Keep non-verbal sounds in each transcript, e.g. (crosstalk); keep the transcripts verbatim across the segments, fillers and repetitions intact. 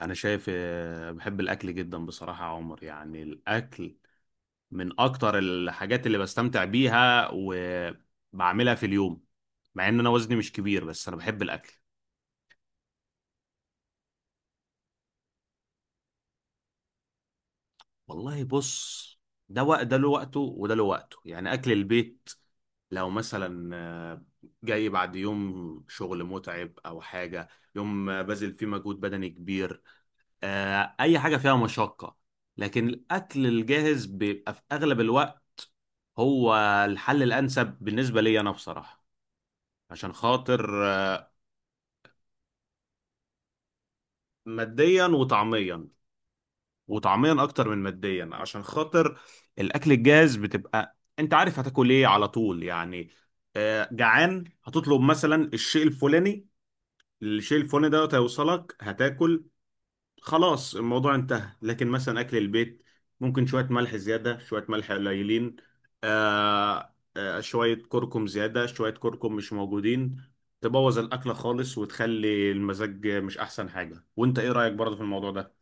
انا شايف، آه، بحب الاكل جدا بصراحة يا عمر، يعني الاكل من اكتر الحاجات اللي بستمتع بيها وبعملها في اليوم. مع ان انا وزني مش كبير، بس انا بحب الاكل. والله بص، ده وقت، ده له وقته وده له وقته، يعني اكل البيت. لو مثلا آه، جاي بعد يوم شغل متعب او حاجة، يوم آه، بذل فيه مجهود بدني كبير، آه، اي حاجة فيها مشقة، لكن الاكل الجاهز بيبقى في اغلب الوقت هو الحل الأنسب بالنسبة لي أنا بصراحة، عشان خاطر آه، ماديا وطعميا، وطعميا أكتر من ماديا. عشان خاطر الأكل الجاهز بتبقى أنت عارف هتاكل إيه على طول، يعني آه، جعان هتطلب مثلا الشيء الفلاني، الشيء الفلاني ده هيوصلك، هتاكل، خلاص الموضوع انتهى. لكن مثلا اكل البيت ممكن شويه ملح زياده، شويه ملح قليلين، آه آه شويه كركم زياده، شويه كركم مش موجودين، تبوظ الاكله خالص وتخلي المزاج مش احسن حاجه. وانت ايه رايك برضه في الموضوع ده؟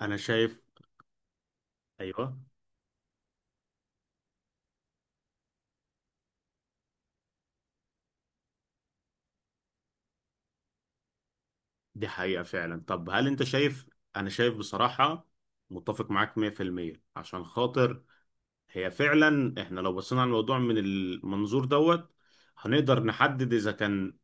انا شايف. ايوه، دي حقيقه فعلا. طب هل انت شايف؟ انا شايف بصراحه متفق معاك مية في المية، عشان خاطر هي فعلا، احنا لو بصينا على الموضوع من المنظور دوت هنقدر نحدد اذا كان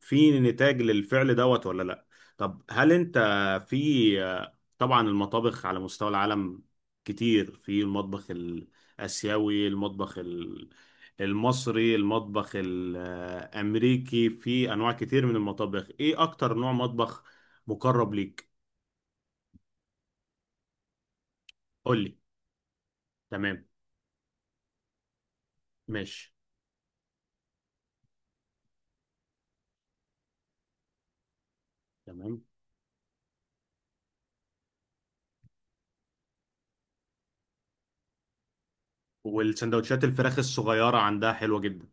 في نتاج للفعل دوت ولا لا. طب هل انت في؟ طبعا المطابخ على مستوى العالم كتير، في المطبخ الاسيوي، المطبخ ال- المصري، المطبخ الامريكي، في انواع كتير من المطابخ. ايه اكتر نوع مطبخ مقرب ليك؟ قول لي. تمام. ماشي. تمام. والسندوتشات الفراخ الصغيرة عندها حلوة جدا.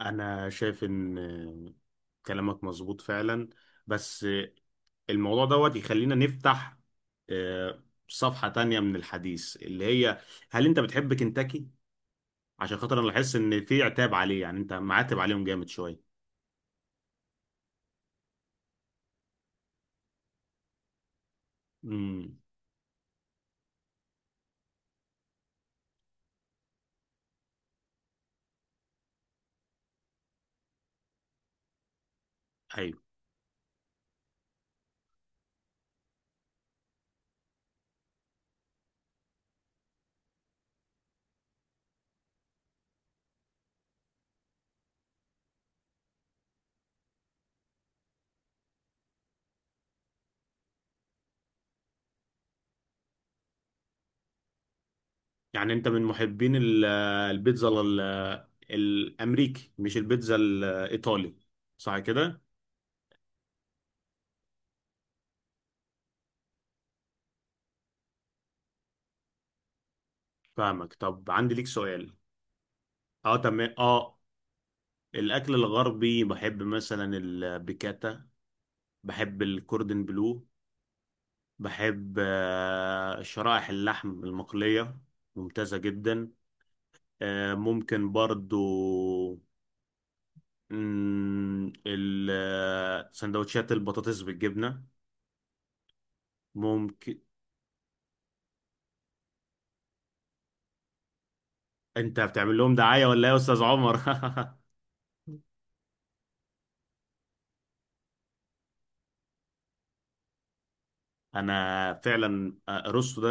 انا شايف ان كلامك مظبوط فعلا، بس الموضوع دوت يخلينا نفتح آه، صفحة تانية من الحديث، اللي هي هل انت بتحب كنتاكي؟ عشان خاطر انا لاحظت ان في عتاب عليه، يعني انت معاتب عليهم جامد شوية. امم ايوه. يعني انت من محبين ال- البيتزا ال- الامريكي مش البيتزا الايطالي، صح كده؟ فاهمك. طب عندي ليك سؤال. اه تمام اه، الاكل الغربي بحب مثلا البيكاتا، بحب الكوردن بلو، بحب آه، شرائح اللحم المقلية، ممتازة جدا. آه، ممكن برضو مم، ال- آه، سندوتشات البطاطس بالجبنة، ممكن. انت بتعمل لهم دعاية ولا ايه يا استاذ عمر؟ (laughs) انا فعلا آه، رستو ده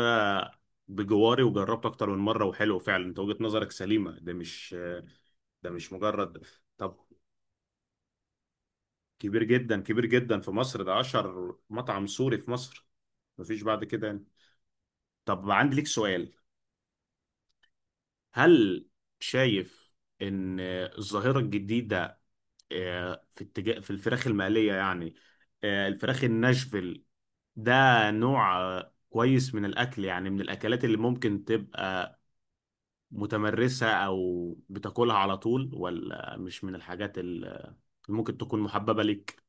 بجواري وجربته اكتر من مرة، وحلو فعلا. انت وجهة نظرك سليمة، ده مش آه، ده مش مجرد. طب، كبير جدا، كبير جدا في مصر، ده اشهر مطعم سوري في مصر، مفيش بعد كده يعني. طب عندي ليك سؤال. هل شايف ان الظاهرة الجديدة، آه، في اتجاه في الفراخ المقلية يعني، آه، الفراخ الناشفيل ده نوع آه، كويس من الاكل؟ يعني من الاكلات اللي ممكن تبقى متمرسة او بتاكلها على طول، ولا مش من الحاجات اللي ممكن تكون محببة ليك؟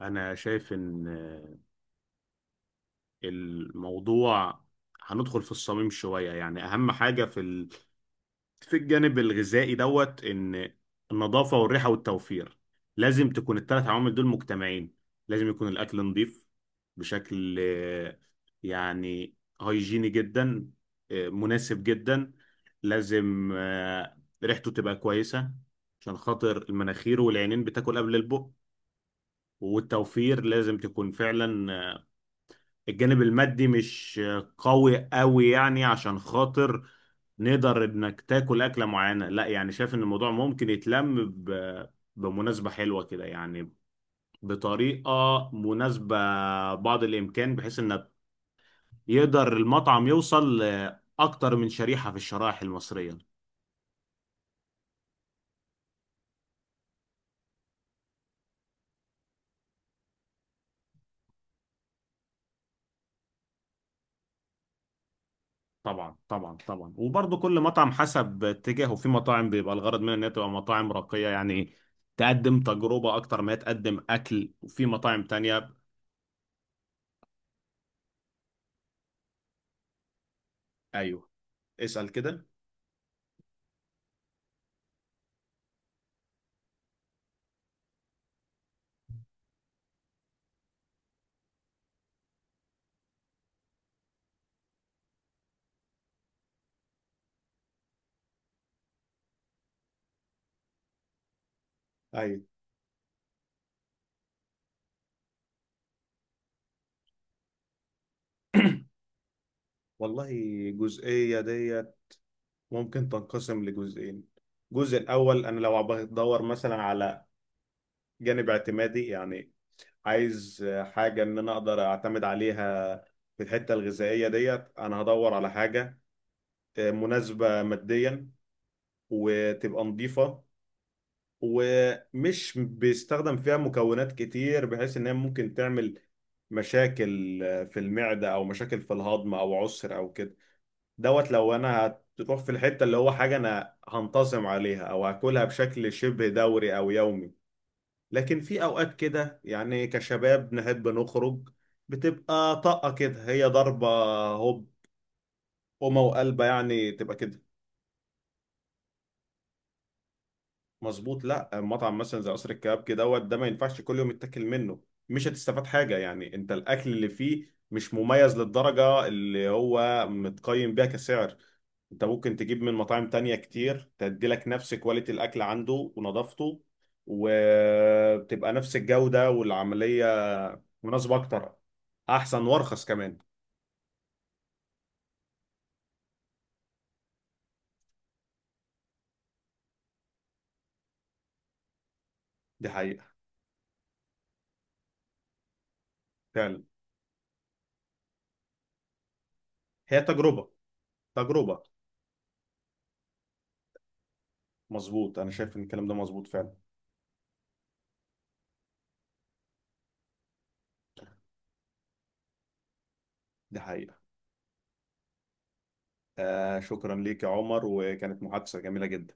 انا شايف ان الموضوع هندخل في الصميم شوية. يعني أهم حاجة في ال... في الجانب الغذائي دوت، إن النظافة والريحة والتوفير، لازم تكون الثلاث عوامل دول مجتمعين. لازم يكون الأكل نظيف بشكل آه، يعني هيجيني جدا، آه، مناسب جدا. لازم آه، ريحته تبقى كويسة، عشان خاطر المناخير والعينين بتاكل قبل البق. والتوفير لازم تكون فعلا، الجانب المادي مش قوي قوي يعني، عشان خاطر نقدر انك تاكل اكله معينه. لا يعني شايف ان الموضوع ممكن يتلم ب... بمناسبه حلوه كده يعني، بطريقه مناسبه، بعض الامكان، بحيث ان يقدر المطعم يوصل لاكتر من شريحه في الشرائح المصريه. طبعا طبعا طبعا، وبرضه كل مطعم حسب اتجاهه. في مطاعم بيبقى الغرض منها انها تبقى مطاعم راقيه يعني، تقدم تجربه اكتر ما هي تقدم اكل، وفي مطاعم تانية. ايوه. اسأل كده. أيوة. والله الجزئية ديت ممكن تنقسم لجزئين. الجزء الأول، أنا لو بدور مثلا على جانب اعتمادي يعني، عايز حاجة إن أنا أقدر أعتمد عليها، في الحتة الغذائية ديت أنا هدور على حاجة مناسبة ماديا وتبقى نظيفة ومش بيستخدم فيها مكونات كتير، بحيث إن هي ممكن تعمل مشاكل في المعدة أو مشاكل في الهضم أو عسر أو كده. دوت لو انا هتروح في الحته، اللي هو حاجه انا هنتظم عليها او هاكلها بشكل شبه دوري او يومي. لكن في اوقات كده يعني كشباب نحب نخرج، بتبقى طاقه كده، هي ضربه، هوب، قومه وقلبه يعني، تبقى كده. مظبوط. لا مطعم مثلا زي قصر الكبابجي دوت، ده ما ينفعش كل يوم يتاكل منه، مش هتستفاد حاجه يعني، انت الاكل اللي فيه مش مميز للدرجه اللي هو متقيم بيها كسعر. انت ممكن تجيب من مطاعم تانية كتير تدي لك نفس كواليتي الاكل عنده ونظافته، وبتبقى نفس الجوده والعمليه مناسبه اكتر، احسن وارخص كمان. دي حقيقه فعلا. هي تجربه، تجربه. مظبوط، انا شايف ان الكلام ده مظبوط فعلا. دي حقيقه. آه، شكرا ليك يا عمر، وكانت محادثة جميلة جدا.